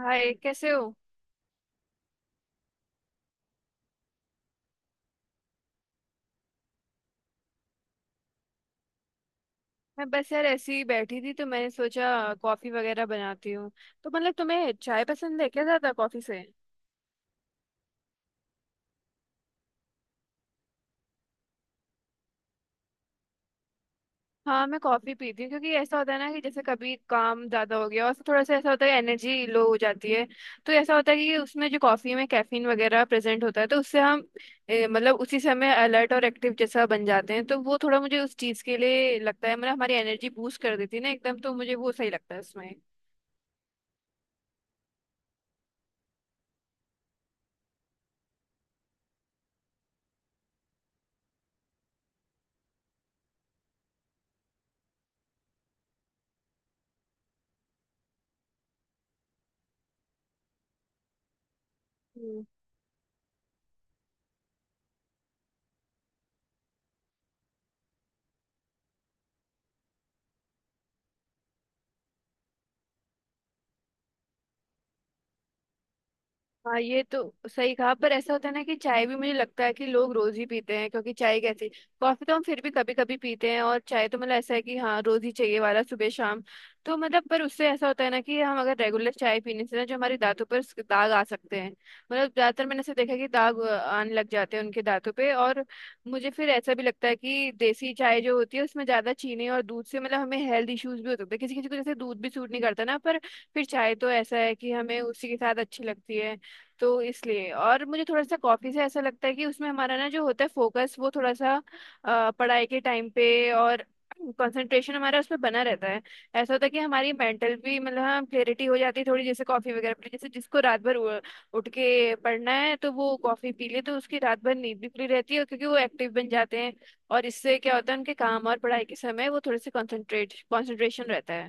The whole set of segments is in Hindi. हाय, कैसे हो। मैं बस यार ऐसे ही बैठी थी तो मैंने सोचा कॉफी वगैरह बनाती हूँ। तो मतलब तुम्हें चाय पसंद है क्या ज्यादा कॉफी से? हाँ, मैं कॉफी पीती हूँ, क्योंकि ऐसा होता है ना कि जैसे कभी काम ज्यादा हो गया और फिर थोड़ा सा ऐसा होता है, एनर्जी लो हो जाती है। तो ऐसा होता है कि उसमें जो कॉफी में कैफीन वगैरह प्रेजेंट होता है तो उससे हम मतलब उसी समय अलर्ट और एक्टिव जैसा बन जाते हैं। तो वो थोड़ा मुझे उस चीज के लिए लगता है, मतलब हमारी एनर्जी बूस्ट कर देती है ना एकदम, तो मुझे वो सही लगता है उसमें। हाँ, ये तो सही कहा, पर ऐसा होता है ना कि चाय भी मुझे लगता है कि लोग रोज ही पीते हैं, क्योंकि चाय कैसी, कॉफी तो हम फिर भी कभी कभी पीते हैं और चाय तो मतलब ऐसा है कि हाँ रोज ही चाहिए वाला सुबह शाम। तो मतलब पर उससे ऐसा होता है ना कि हम अगर रेगुलर चाय पीने से ना जो हमारे दांतों पर दाग आ सकते हैं। मतलब ज्यादातर मैंने ऐसे देखा है कि दाग आने लग जाते हैं उनके दांतों पे। और मुझे फिर ऐसा भी लगता है कि देसी चाय जो होती है उसमें ज्यादा चीनी और दूध से मतलब हमें हेल्थ इश्यूज भी हो सकते हैं किसी किसी को, जैसे दूध भी सूट नहीं करता ना, पर फिर चाय तो ऐसा है कि हमें उसी के साथ अच्छी लगती है। तो इसलिए, और मुझे थोड़ा सा कॉफी से ऐसा लगता है कि उसमें हमारा ना जो होता है फोकस, वो थोड़ा सा पढ़ाई के टाइम पे, और कंसंट्रेशन हमारा उस पर बना रहता है। ऐसा होता है कि हमारी मेंटल भी मतलब हाँ क्लियरिटी हो जाती है थोड़ी, जैसे कॉफी वगैरह पी, जैसे जिसको रात भर उठ के पढ़ना है तो वो कॉफी पी ले तो उसकी रात भर नींद भी पूरी रहती है, क्योंकि वो एक्टिव बन जाते हैं। और इससे क्या होता है, उनके काम और पढ़ाई के समय वो थोड़े से कंसंट्रेट कंसंट्रेशन रहता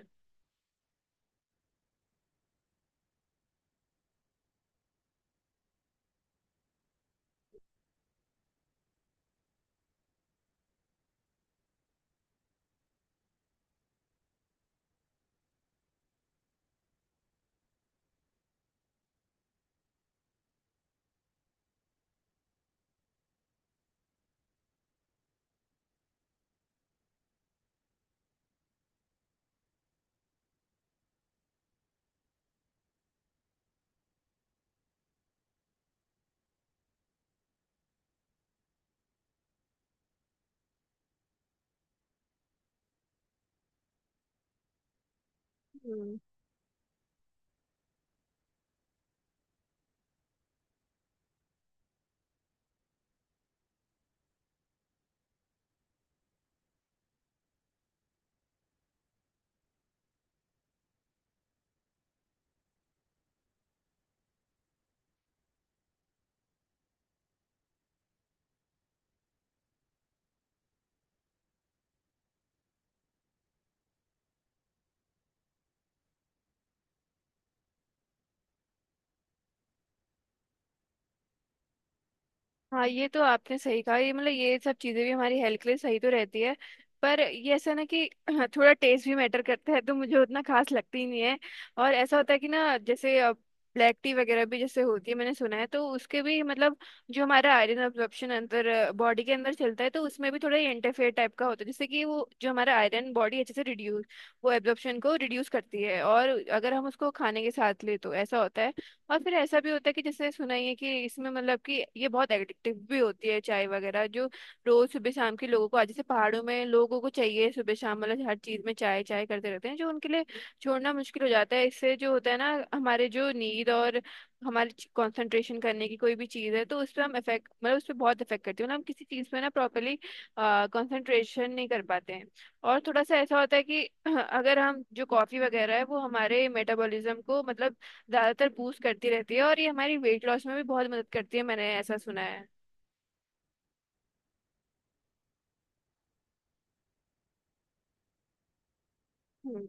है। हाँ, ये तो आपने सही कहा, ये मतलब ये सब चीज़ें भी हमारी हेल्थ के लिए सही तो रहती है, पर ये ऐसा ना कि थोड़ा टेस्ट भी मैटर करता है, तो मुझे उतना खास लगती ही नहीं है। और ऐसा होता है कि ना जैसे ब्लैक टी वगैरह भी जैसे होती है, मैंने सुना है, तो उसके भी मतलब जो हमारा आयरन अब्जॉर्प्शन अंदर, बॉडी के अंदर चलता है तो उसमें भी थोड़ा इंटरफेयर टाइप का होता है, जैसे कि वो जो हमारा आयरन बॉडी अच्छे से रिड्यूस, वो एब्जॉर्प्शन को रिड्यूस करती है, और अगर हम उसको खाने के साथ ले तो ऐसा होता है। और फिर ऐसा भी होता है कि जैसे सुना ही है कि इसमें मतलब कि ये बहुत एडिक्टिव भी होती है, चाय वगैरह जो, रोज सुबह शाम के लोगों को, आज जैसे पहाड़ों में लोगों को चाहिए सुबह शाम, मतलब हर चीज में चाय चाय करते रहते हैं, जो उनके लिए छोड़ना मुश्किल हो जाता है। इससे जो होता है ना हमारे जो नींद और हमारे कंसंट्रेशन करने की कोई भी चीज है तो उस पर हम इफेक्ट मतलब उस पर बहुत इफेक्ट करती है, मतलब हम किसी चीज पे ना प्रॉपरली कंसंट्रेशन नहीं कर पाते हैं। और थोड़ा सा ऐसा होता है कि अगर हम, जो कॉफी वगैरह है, वो हमारे मेटाबॉलिज्म को मतलब ज्यादातर बूस्ट करती रहती है, और ये हमारी वेट लॉस में भी बहुत मदद करती है, मैंने ऐसा सुना है। हम्म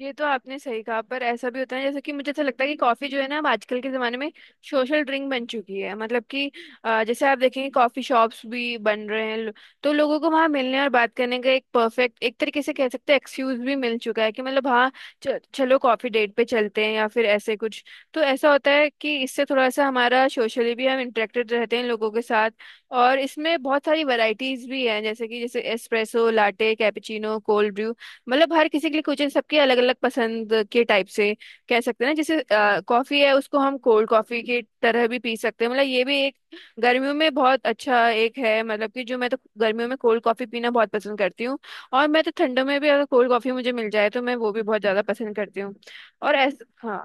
ये तो आपने सही कहा, पर ऐसा भी होता है, जैसे कि मुझे ऐसा लगता है कि कॉफी जो है ना अब आजकल के जमाने में सोशल ड्रिंक बन चुकी है, मतलब कि जैसे आप देखेंगे कॉफी शॉप्स भी बन रहे हैं तो लोगों को वहां मिलने और बात करने का एक परफेक्ट, एक तरीके से कह सकते हैं एक्सक्यूज भी मिल चुका है कि मतलब हाँ चलो कॉफी डेट पे चलते हैं या फिर ऐसे कुछ। तो ऐसा होता है कि इससे थोड़ा सा हमारा सोशली भी हम इंटरेक्टेड रहते हैं लोगों के साथ। और इसमें बहुत सारी वैरायटीज भी हैं, जैसे कि जैसे espresso, latte, cappuccino, cold brew, मतलब हर किसी के लिए कोचिंग सबके अलग अलग पसंद के टाइप से कह सकते हैं ना, जैसे कॉफी है उसको हम कोल्ड कॉफी की तरह भी पी सकते हैं, मतलब ये भी एक गर्मियों में बहुत अच्छा एक है, मतलब कि जो मैं तो गर्मियों में कोल्ड कॉफी पीना बहुत पसंद करती हूँ। और मैं तो ठंडों में भी अगर कोल्ड कॉफी मुझे मिल जाए तो मैं वो भी बहुत ज्यादा पसंद करती हूँ। और ऐसा हाँ।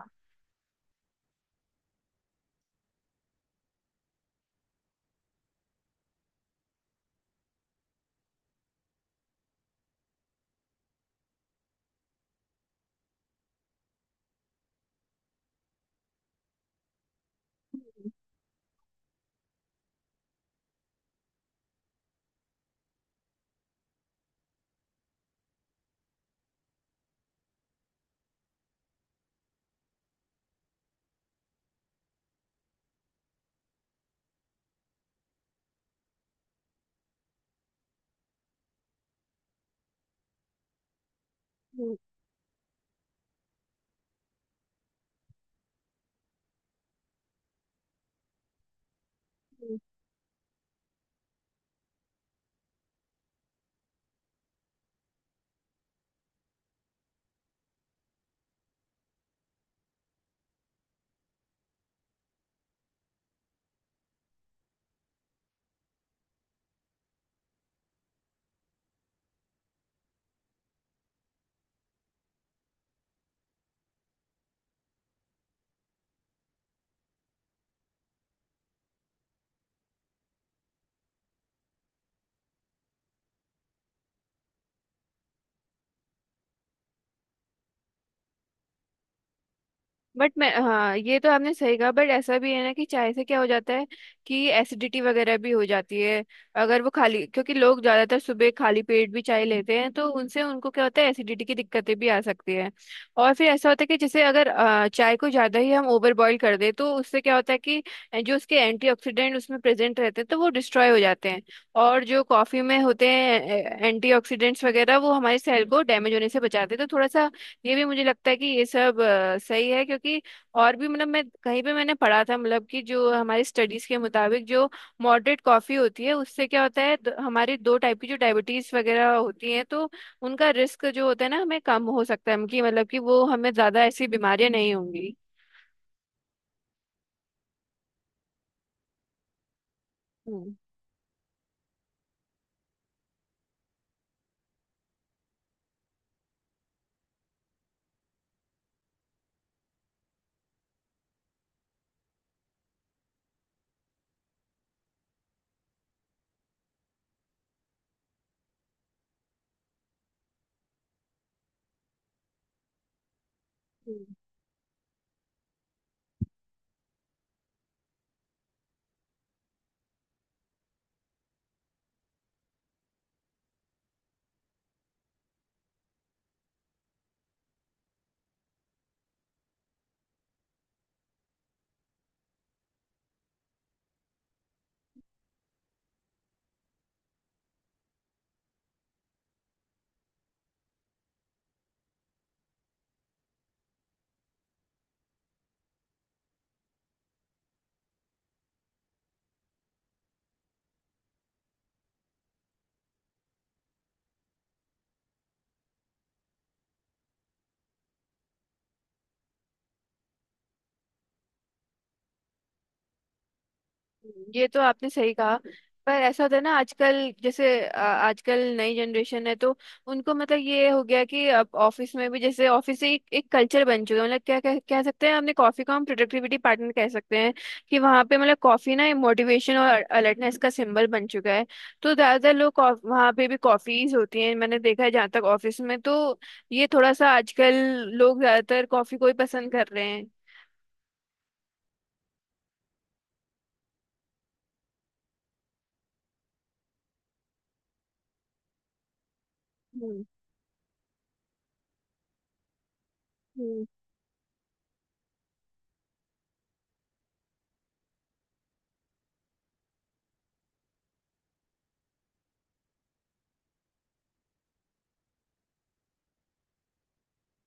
बट मैं हाँ ये तो आपने सही कहा, बट ऐसा भी है ना कि चाय से क्या हो जाता है कि एसिडिटी वगैरह भी हो जाती है, अगर वो खाली, क्योंकि लोग ज्यादातर सुबह खाली पेट भी चाय लेते हैं तो उनसे उनको क्या होता है एसिडिटी की दिक्कतें भी आ सकती है। और फिर ऐसा होता है कि जैसे अगर चाय को ज्यादा ही हम ओवर बॉईल कर दें तो उससे क्या होता है कि जो उसके एंटीऑक्सीडेंट उसमें प्रेजेंट रहते हैं तो वो डिस्ट्रॉय हो जाते हैं। और जो कॉफी में होते हैं एंटीऑक्सीडेंट्स वगैरह वो हमारे सेल को डैमेज होने से बचाते हैं, तो थोड़ा सा ये भी मुझे लगता है कि ये सब सही है। क्योंकि और भी मतलब मैं कहीं पे मैंने पढ़ा था, मतलब कि जो हमारी स्टडीज के मुताबिक जो मॉडरेट कॉफी होती है उससे क्या होता है हमारी दो टाइप की जो डायबिटीज वगैरह होती हैं तो उनका रिस्क जो होता है ना हमें कम हो सकता है कि मतलब कि वो हमें ज्यादा ऐसी बीमारियां नहीं होंगी। हम्म ये तो आपने सही कहा, पर ऐसा होता है ना आजकल जैसे, आजकल नई जनरेशन है तो उनको मतलब ये हो गया कि अब ऑफिस में भी, जैसे ऑफिस से एक कल्चर बन चुका है, मतलब क्या कह सकते हैं हमने, कॉफी को हम प्रोडक्टिविटी पार्टनर कह सकते हैं कि वहाँ पे मतलब कॉफी ना मोटिवेशन और अलर्टनेस का सिंबल बन चुका है। तो ज्यादातर लोग वहाँ पे भी कॉफीज होती हैं मैंने देखा है जहाँ तक ऑफिस में, तो ये थोड़ा सा आजकल लोग ज्यादातर कॉफी को ही पसंद कर रहे हैं। हम्म। हम्म।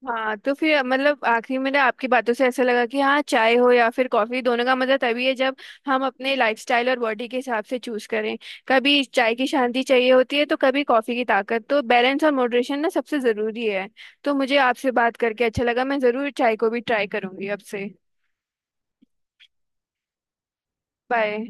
हाँ, तो फिर मतलब आखिरी में ना आपकी बातों से ऐसा लगा कि हाँ चाय हो या फिर कॉफी, दोनों का मजा तभी है जब हम अपने लाइफस्टाइल और बॉडी के हिसाब से चूज करें। कभी चाय की शांति चाहिए होती है तो कभी कॉफी की ताकत, तो बैलेंस और मॉडरेशन ना सबसे जरूरी है। तो मुझे आपसे बात करके अच्छा लगा, मैं जरूर चाय को भी ट्राई करूंगी अब से। बाय।